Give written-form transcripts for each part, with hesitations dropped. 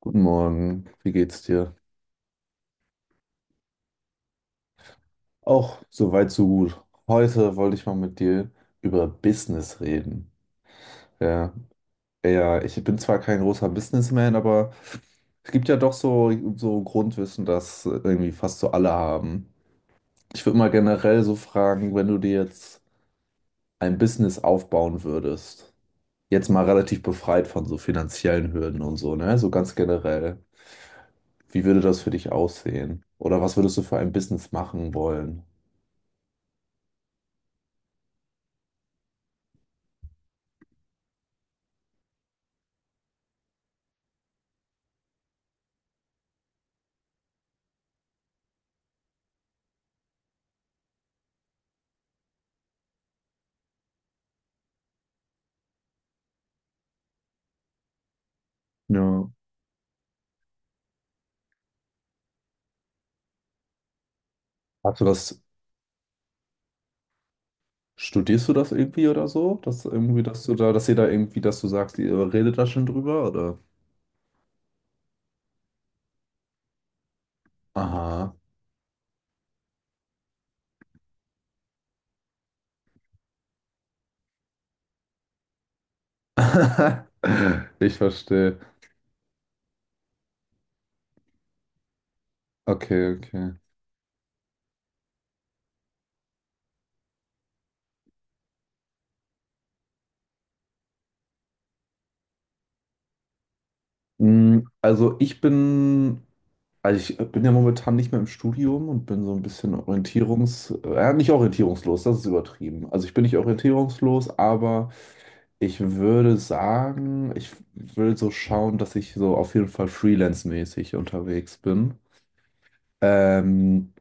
Guten Morgen, wie geht's dir? Auch soweit so gut. Heute wollte ich mal mit dir über Business reden. Ja, ja, ich bin zwar kein großer Businessman, aber es gibt ja doch so Grundwissen, das irgendwie fast so alle haben. Ich würde mal generell so fragen, wenn du dir jetzt ein Business aufbauen würdest, jetzt mal relativ befreit von so finanziellen Hürden und so, ne? So ganz generell. Wie würde das für dich aussehen? Oder was würdest du für ein Business machen wollen? Ja. Hast du das, studierst du das irgendwie oder so? Dass irgendwie, dass du da, dass ihr da irgendwie, dass du sagst, ihr redet da schon drüber, oder? Aha. Ich verstehe. Okay. Mm, also ich bin ja momentan nicht mehr im Studium und bin so ein bisschen nicht orientierungslos, das ist übertrieben. Also ich bin nicht orientierungslos, aber ich würde sagen, ich will so schauen, dass ich so auf jeden Fall freelance-mäßig unterwegs bin. Ähm,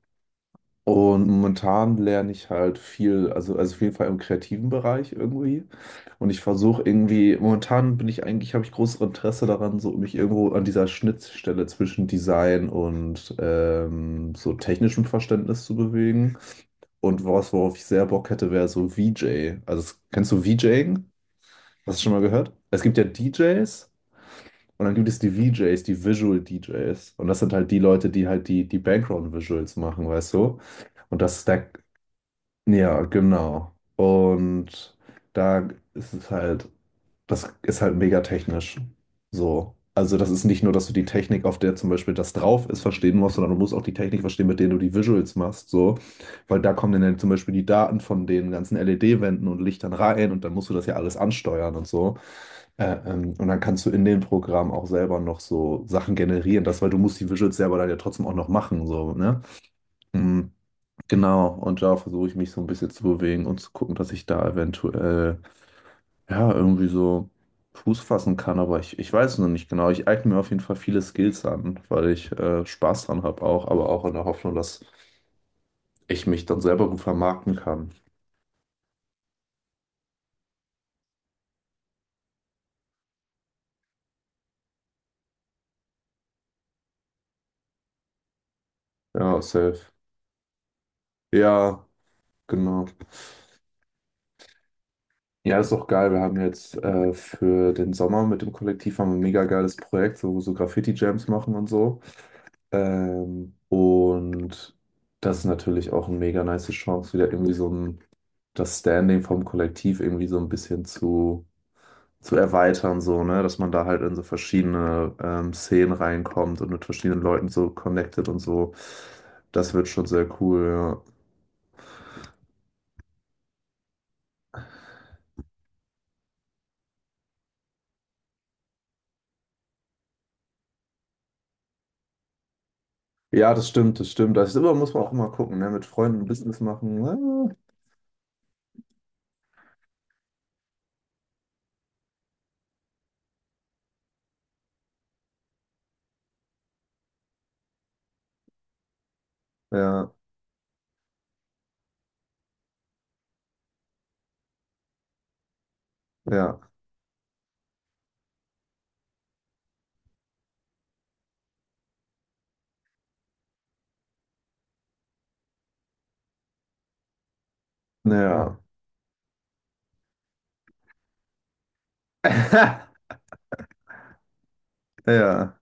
und momentan lerne ich halt viel, also auf jeden Fall im kreativen Bereich irgendwie. Und ich versuche irgendwie, momentan bin ich eigentlich, habe ich großes Interesse daran, so mich irgendwo an dieser Schnittstelle zwischen Design und so technischem Verständnis zu bewegen. Und was, worauf ich sehr Bock hätte, wäre so VJ. Also, kennst du VJing? Hast du schon mal gehört? Es gibt ja DJs. Und dann gibt es die VJs, die Visual DJs. Und das sind halt die Leute, die halt die Background-Visuals machen, weißt du? Und ja, genau. Und da ist es halt, das ist halt mega technisch. So. Also das ist nicht nur, dass du die Technik, auf der zum Beispiel das drauf ist, verstehen musst, sondern du musst auch die Technik verstehen, mit der du die Visuals machst, so. Weil da kommen dann ja zum Beispiel die Daten von den ganzen LED-Wänden und Lichtern rein und dann musst du das ja alles ansteuern und so. Und dann kannst du in dem Programm auch selber noch so Sachen generieren, das, weil du musst die Visuals selber dann ja trotzdem auch noch machen, so, ne? Mhm. Genau, und da versuche ich mich so ein bisschen zu bewegen und zu gucken, dass ich da eventuell, ja, irgendwie so Fuß fassen kann, aber ich weiß es noch nicht genau. Ich eigne mir auf jeden Fall viele Skills an, weil ich Spaß dran habe auch, aber auch in der Hoffnung, dass ich mich dann selber gut vermarkten kann. Ja, safe. Ja, genau. Ja, ist auch geil. Wir haben jetzt für den Sommer mit dem Kollektiv haben wir ein mega geiles Projekt, so, so Graffiti-Jams machen und so. Und das ist natürlich auch eine mega nice Chance, wieder irgendwie so ein, das Standing vom Kollektiv irgendwie so ein bisschen zu erweitern, so, ne? Dass man da halt in so verschiedene Szenen reinkommt und mit verschiedenen Leuten so connected und so. Das wird schon sehr cool, ja. Ja, das stimmt. Das ist immer, muss man auch immer gucken, ne? Mit Freunden Business machen. Ah, ja. Ja, naja. Ja,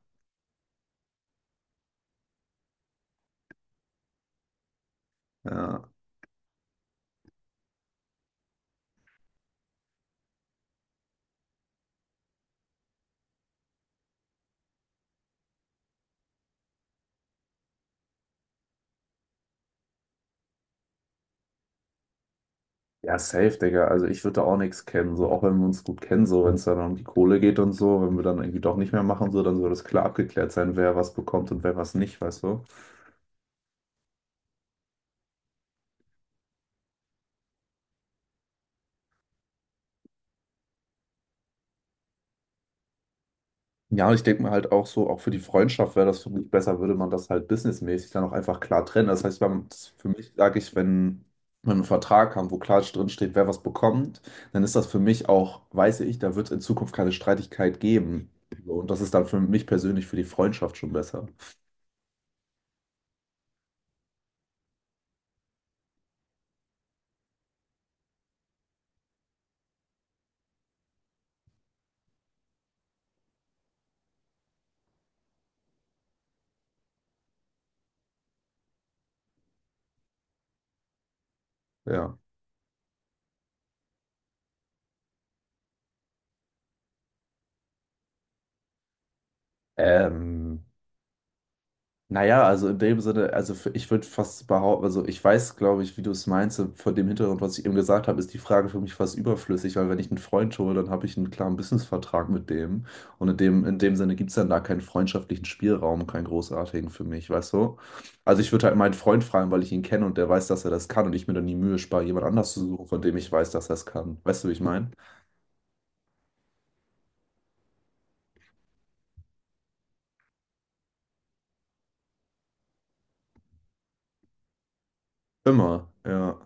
ja. Ja, safe, Digga. Also ich würde da auch nichts kennen, so auch wenn wir uns gut kennen, so wenn es dann um die Kohle geht und so, wenn wir dann irgendwie doch nicht mehr machen, so, dann soll das klar abgeklärt sein, wer was bekommt und wer was nicht, weißt du? Ja, und ich denke mir halt auch so, auch für die Freundschaft wäre das für mich besser, würde man das halt businessmäßig dann auch einfach klar trennen. Das heißt, wenn, für mich sage ich, wenn wir einen Vertrag haben, wo klar drin steht, wer was bekommt, dann ist das für mich auch, weiß ich, da wird es in Zukunft keine Streitigkeit geben. So. Und das ist dann für mich persönlich für die Freundschaft schon besser. Ja. Ähm, Naja, also in dem Sinne, also ich würde fast behaupten, also ich weiß, glaube ich, wie du es meinst, und vor dem Hintergrund, was ich eben gesagt habe, ist die Frage für mich fast überflüssig, weil wenn ich einen Freund hole, dann habe ich einen klaren Businessvertrag mit dem und in dem Sinne gibt es dann da keinen freundschaftlichen Spielraum, keinen großartigen für mich, weißt du? Also ich würde halt meinen Freund fragen, weil ich ihn kenne und der weiß, dass er das kann und ich mir dann die Mühe spare, jemand anders zu suchen, von dem ich weiß, dass er es kann. Weißt du, wie ich meine? Immer, ja.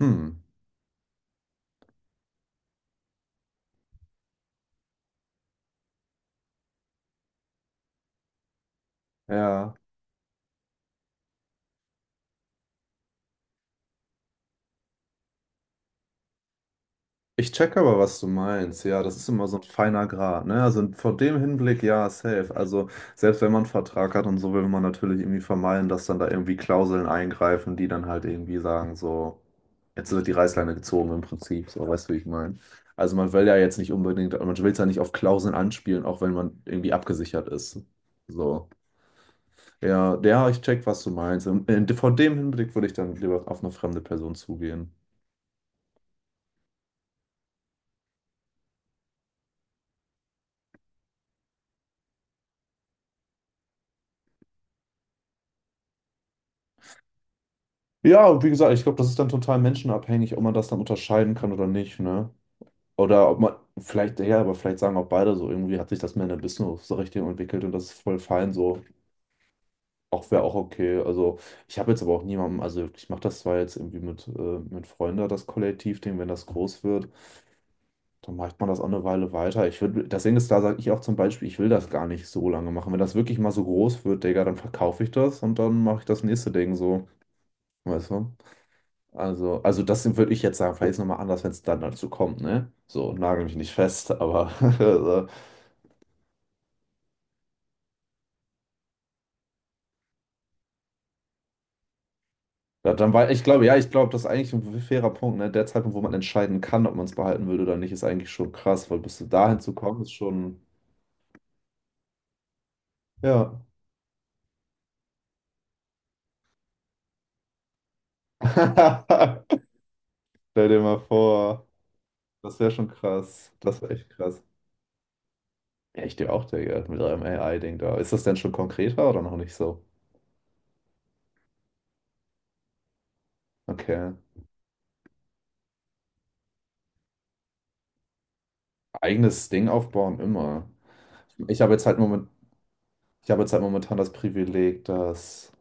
Hm. Ja. Ich checke aber, was du meinst. Ja, das ist immer so ein feiner Grat, ne? Also vor dem Hinblick, ja, safe. Also selbst wenn man einen Vertrag hat und so, will man natürlich irgendwie vermeiden, dass dann da irgendwie Klauseln eingreifen, die dann halt irgendwie sagen, so, jetzt wird die Reißleine gezogen im Prinzip. So, weißt du, wie ich meine? Also man will ja jetzt nicht unbedingt, man will es ja nicht auf Klauseln anspielen, auch wenn man irgendwie abgesichert ist. So. Ja, ja, ich check, was du meinst. Vor dem Hinblick würde ich dann lieber auf eine fremde Person zugehen. Ja, und wie gesagt, ich glaube, das ist dann total menschenabhängig, ob man das dann unterscheiden kann oder nicht, ne? Oder ob man, vielleicht, ja, aber vielleicht sagen auch beide so, irgendwie hat sich das Männer Business so richtig entwickelt und das ist voll fein so. Auch wäre auch okay. Also ich habe jetzt aber auch niemanden, also ich mache das zwar jetzt irgendwie mit Freunden, das Kollektivding, wenn das groß wird, dann macht man das auch eine Weile weiter. Ich würde, das Ding ist, da sage ich auch zum Beispiel, ich will das gar nicht so lange machen. Wenn das wirklich mal so groß wird, Digga, dann verkaufe ich das und dann mache ich das nächste Ding so. Weißt du? Also das würde ich jetzt sagen, vielleicht ist es nochmal anders, wenn es dann dazu kommt, ne? So, nagel mich nicht fest, aber also, ja, dann war, ich glaube, ja, ich glaube, das ist eigentlich ein fairer Punkt, ne? Der Zeitpunkt, wo man entscheiden kann, ob man es behalten will oder nicht, ist eigentlich schon krass, weil bis du dahin zu kommen, ist schon, ja. Stell dir mal vor, das wäre schon krass. Das wäre echt krass. Ja, ich dir auch, Digga, mit eurem AI-Ding da. Ist das denn schon konkreter oder noch nicht so? Okay. Eigenes Ding aufbauen, immer. Ich habe jetzt halt moment, Ich habe jetzt halt momentan das Privileg, dass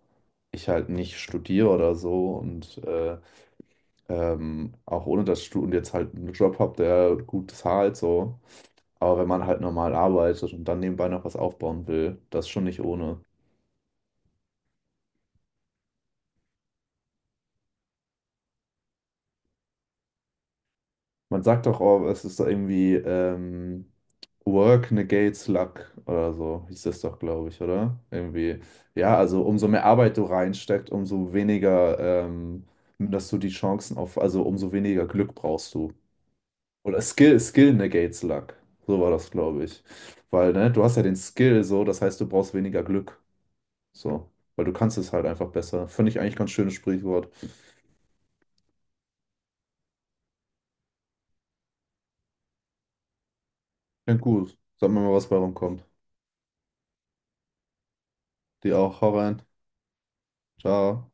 ich halt nicht studiere oder so und auch ohne das Studium jetzt halt einen Job habe, der gut zahlt so. Aber wenn man halt normal arbeitet und dann nebenbei noch was aufbauen will, das ist schon nicht ohne. Man sagt doch, oh, es ist doch irgendwie, Work negates luck oder so, hieß das doch, glaube ich, oder? Irgendwie, ja, also umso mehr Arbeit du reinsteckst, ähm, dass du die Chancen auf, also umso weniger Glück brauchst du. Oder Skill negates Luck. So war das, glaube ich. Weil, ne, du hast ja den Skill so, das heißt, du brauchst weniger Glück. So. Weil du kannst es halt einfach besser. Finde ich eigentlich ganz schönes Sprichwort. Klingt gut. Sag mir mal, was bei rumkommt. Dir auch. Hau rein. Ciao.